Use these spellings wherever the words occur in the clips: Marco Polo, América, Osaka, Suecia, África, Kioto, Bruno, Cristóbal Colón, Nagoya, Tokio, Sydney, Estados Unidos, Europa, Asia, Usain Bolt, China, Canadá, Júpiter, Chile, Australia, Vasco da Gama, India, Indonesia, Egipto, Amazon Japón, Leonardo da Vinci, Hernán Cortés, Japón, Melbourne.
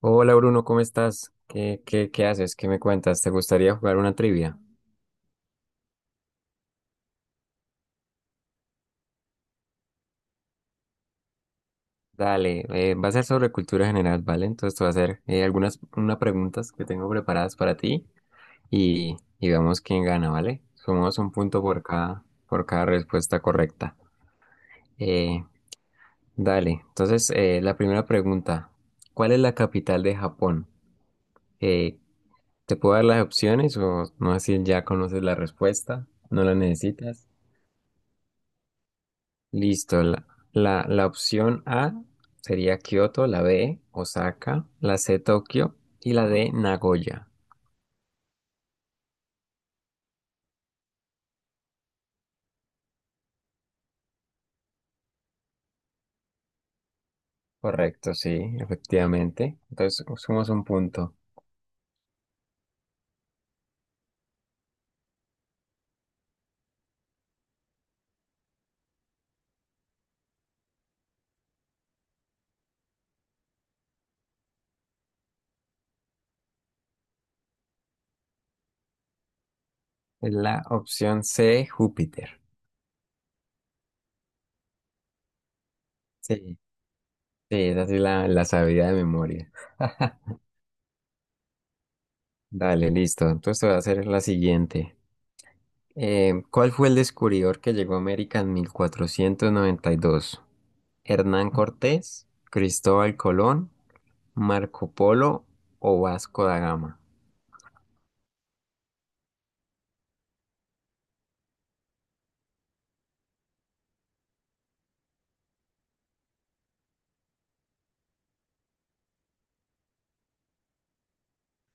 Hola Bruno, ¿cómo estás? ¿Qué haces? ¿Qué me cuentas? ¿Te gustaría jugar una trivia? Dale, va a ser sobre cultura general, ¿vale? Entonces te voy a hacer algunas unas preguntas que tengo preparadas para ti y vemos quién gana, ¿vale? Sumamos un punto por cada respuesta correcta. Eh, dale, entonces la primera pregunta, ¿cuál es la capital de Japón? Eh, ¿Te puedo dar las opciones o no así ya conoces la respuesta? ¿No la necesitas? Listo. La opción A sería Kioto, la B, Osaka, la C, Tokio y la D, Nagoya. Correcto, sí, efectivamente. Entonces, sumamos un punto. Es la opción C, Júpiter. Sí, sí, esa sí la sabía de memoria. Dale, listo. Entonces te voy a hacer la siguiente. ¿Cuál fue el descubridor que llegó a América en 1492? ¿Hernán Cortés, Cristóbal Colón, Marco Polo o Vasco da Gama?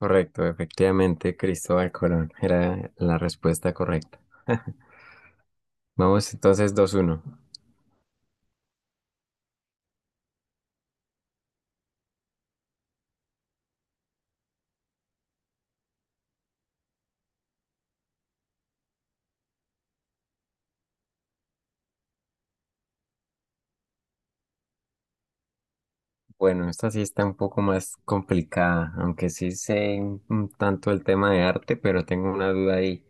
Correcto, efectivamente, Cristóbal Colón era la respuesta correcta. Vamos entonces dos uno. Bueno, esta sí está un poco más complicada, aunque sí sé un tanto el tema de arte, pero tengo una duda ahí.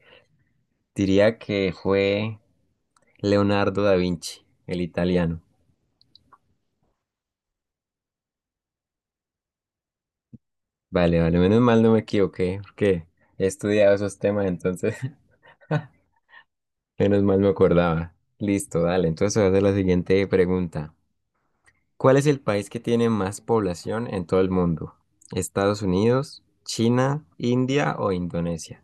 Diría que fue Leonardo da Vinci, el italiano. Vale, vale, menos mal no me equivoqué, porque he estudiado esos temas, entonces menos mal me acordaba. Listo, dale, entonces voy a hacer la siguiente pregunta. ¿Cuál es el país que tiene más población en todo el mundo? ¿Estados Unidos, China, India o Indonesia?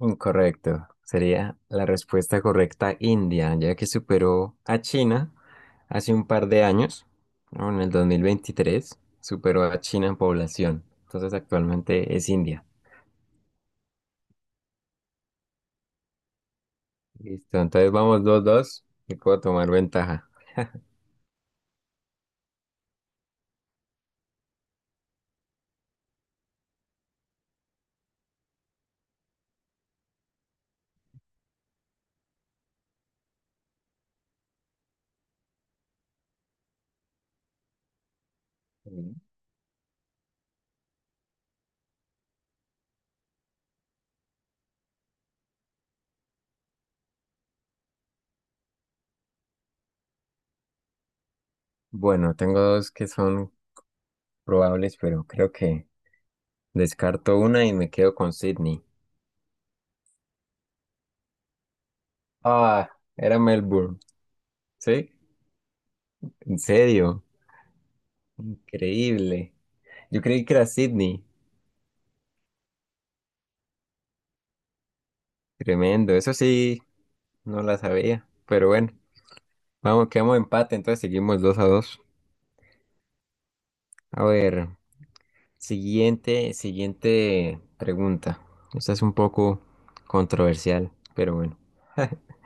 Incorrecto. Sería la respuesta correcta India, ya que superó a China hace un par de años, ¿no? En el 2023 superó a China en población. Entonces actualmente es India. Listo, entonces vamos dos dos. Y puedo tomar ventaja. Mm. Bueno, tengo dos que son probables, pero creo que descarto una y me quedo con Sydney. Ah, era Melbourne, ¿sí? En serio, increíble. Yo creí que era Sydney, tremendo. Eso sí, no la sabía. Pero bueno, vamos, quedamos empate, entonces seguimos dos a dos. A ver, siguiente pregunta. Esta es un poco controversial, pero bueno.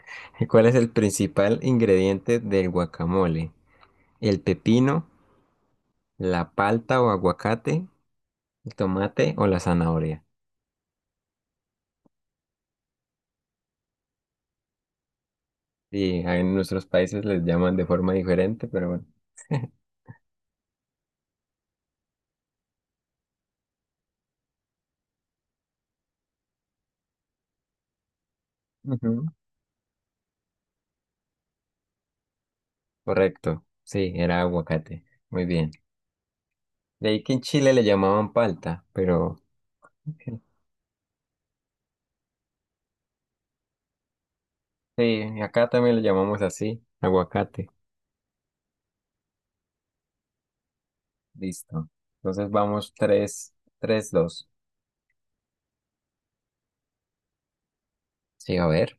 ¿Cuál es el principal ingrediente del guacamole? ¿El pepino, la palta o aguacate, el tomate o la zanahoria? Sí, en nuestros países les llaman de forma diferente, pero bueno. Ujú. Correcto. Sí, era aguacate. Muy bien. De ahí que en Chile le llamaban palta, pero ok. Sí, acá también le llamamos así, aguacate. Listo. Entonces vamos tres, tres, dos. Sí, a ver.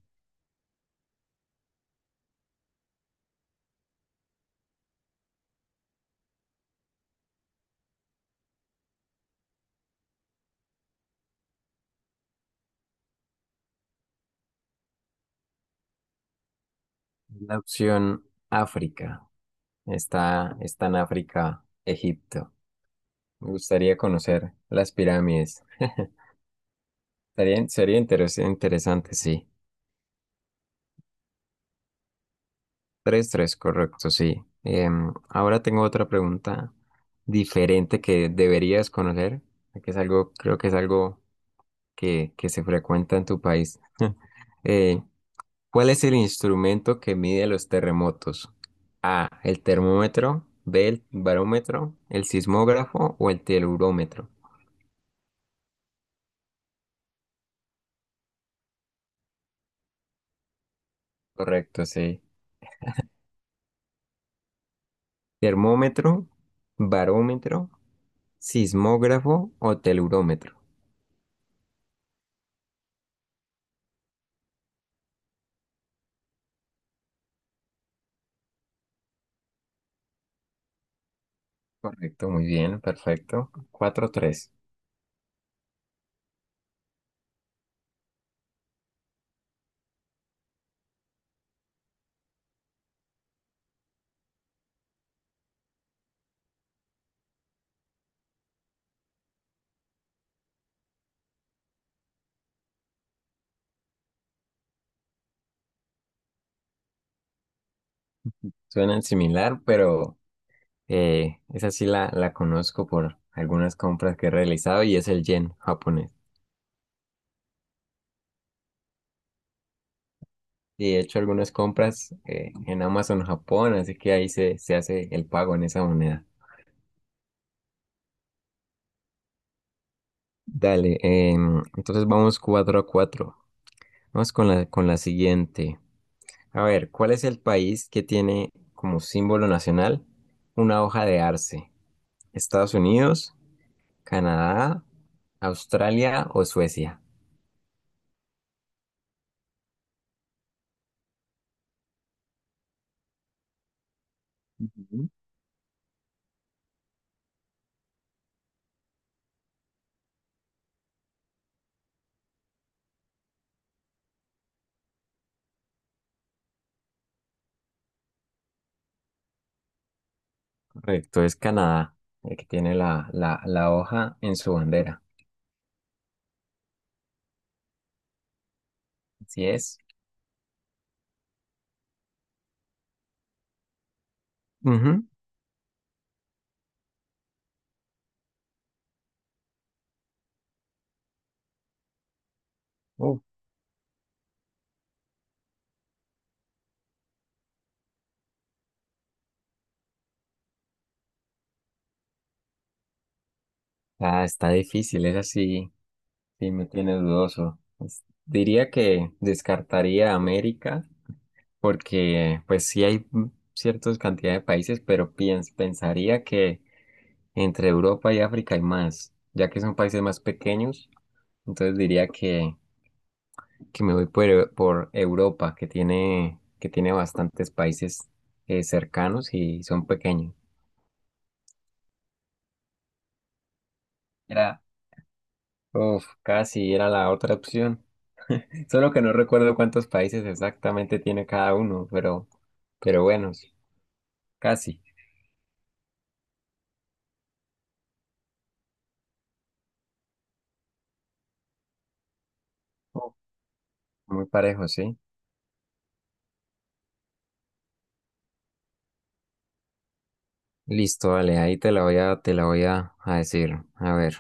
La opción África. Está en África, Egipto. Me gustaría conocer las pirámides. Sería interes- interesante, sí. Tres, tres, correcto, sí. Em, ahora tengo otra pregunta diferente que deberías conocer, que es algo, creo que es algo que se frecuenta en tu país. Eh, ¿Cuál es el instrumento que mide los terremotos? A, el termómetro, B, el barómetro, el sismógrafo o el telurómetro. Correcto, sí. Termómetro, barómetro, sismógrafo o telurómetro. Correcto, muy bien, perfecto. Cuatro, tres. Suenan similar, pero esa sí la conozco por algunas compras que he realizado y es el yen japonés. Y he hecho algunas compras en Amazon Japón, así que ahí se hace el pago en esa moneda. Dale, entonces vamos 4 a 4. Vamos con la siguiente. A ver, ¿cuál es el país que tiene como símbolo nacional una hoja de arce? ¿Estados Unidos, Canadá, Australia o Suecia? Correcto, es Canadá, el que tiene la hoja en su bandera. Así es. Ujú. Uh, ah, está difícil, es así, sí me tiene dudoso. Es- diría que descartaría América porque pues sí hay mm, ciertas cantidades de países, pero piens- pensaría que entre Europa y África hay más, ya que son países más pequeños, entonces diría que me voy por Europa, que tiene bastantes países cercanos y son pequeños. Era, uf, casi era la otra opción. Solo que no recuerdo cuántos países exactamente tiene cada uno, pero bueno, sí, casi. Uf, muy parejo, sí. Listo, vale, ahí te la voy a, te la voy a decir. A ver,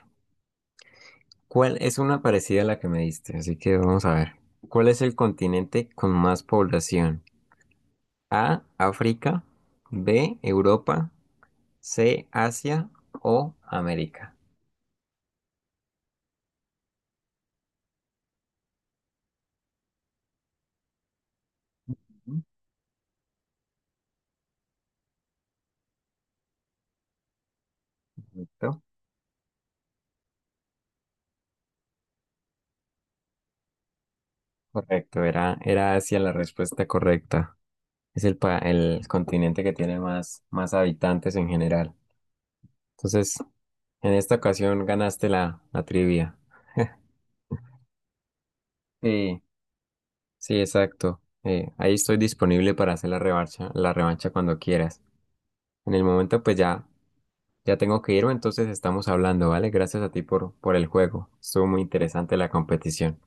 ¿cuál es una parecida a la que me diste? Así que vamos a ver. ¿Cuál es el continente con más población? A, África, B, Europa, C, Asia o América. Correcto. Correcto, era Asia la respuesta correcta. Es el, pa- el continente que tiene más, más habitantes en general. Entonces, en esta ocasión ganaste la trivia. Sí, sí, exacto. Ahí estoy disponible para hacer la revancha cuando quieras. En el momento, pues ya, ya tengo que irme, entonces estamos hablando, ¿vale? Gracias a ti por el juego. Estuvo muy interesante la competición.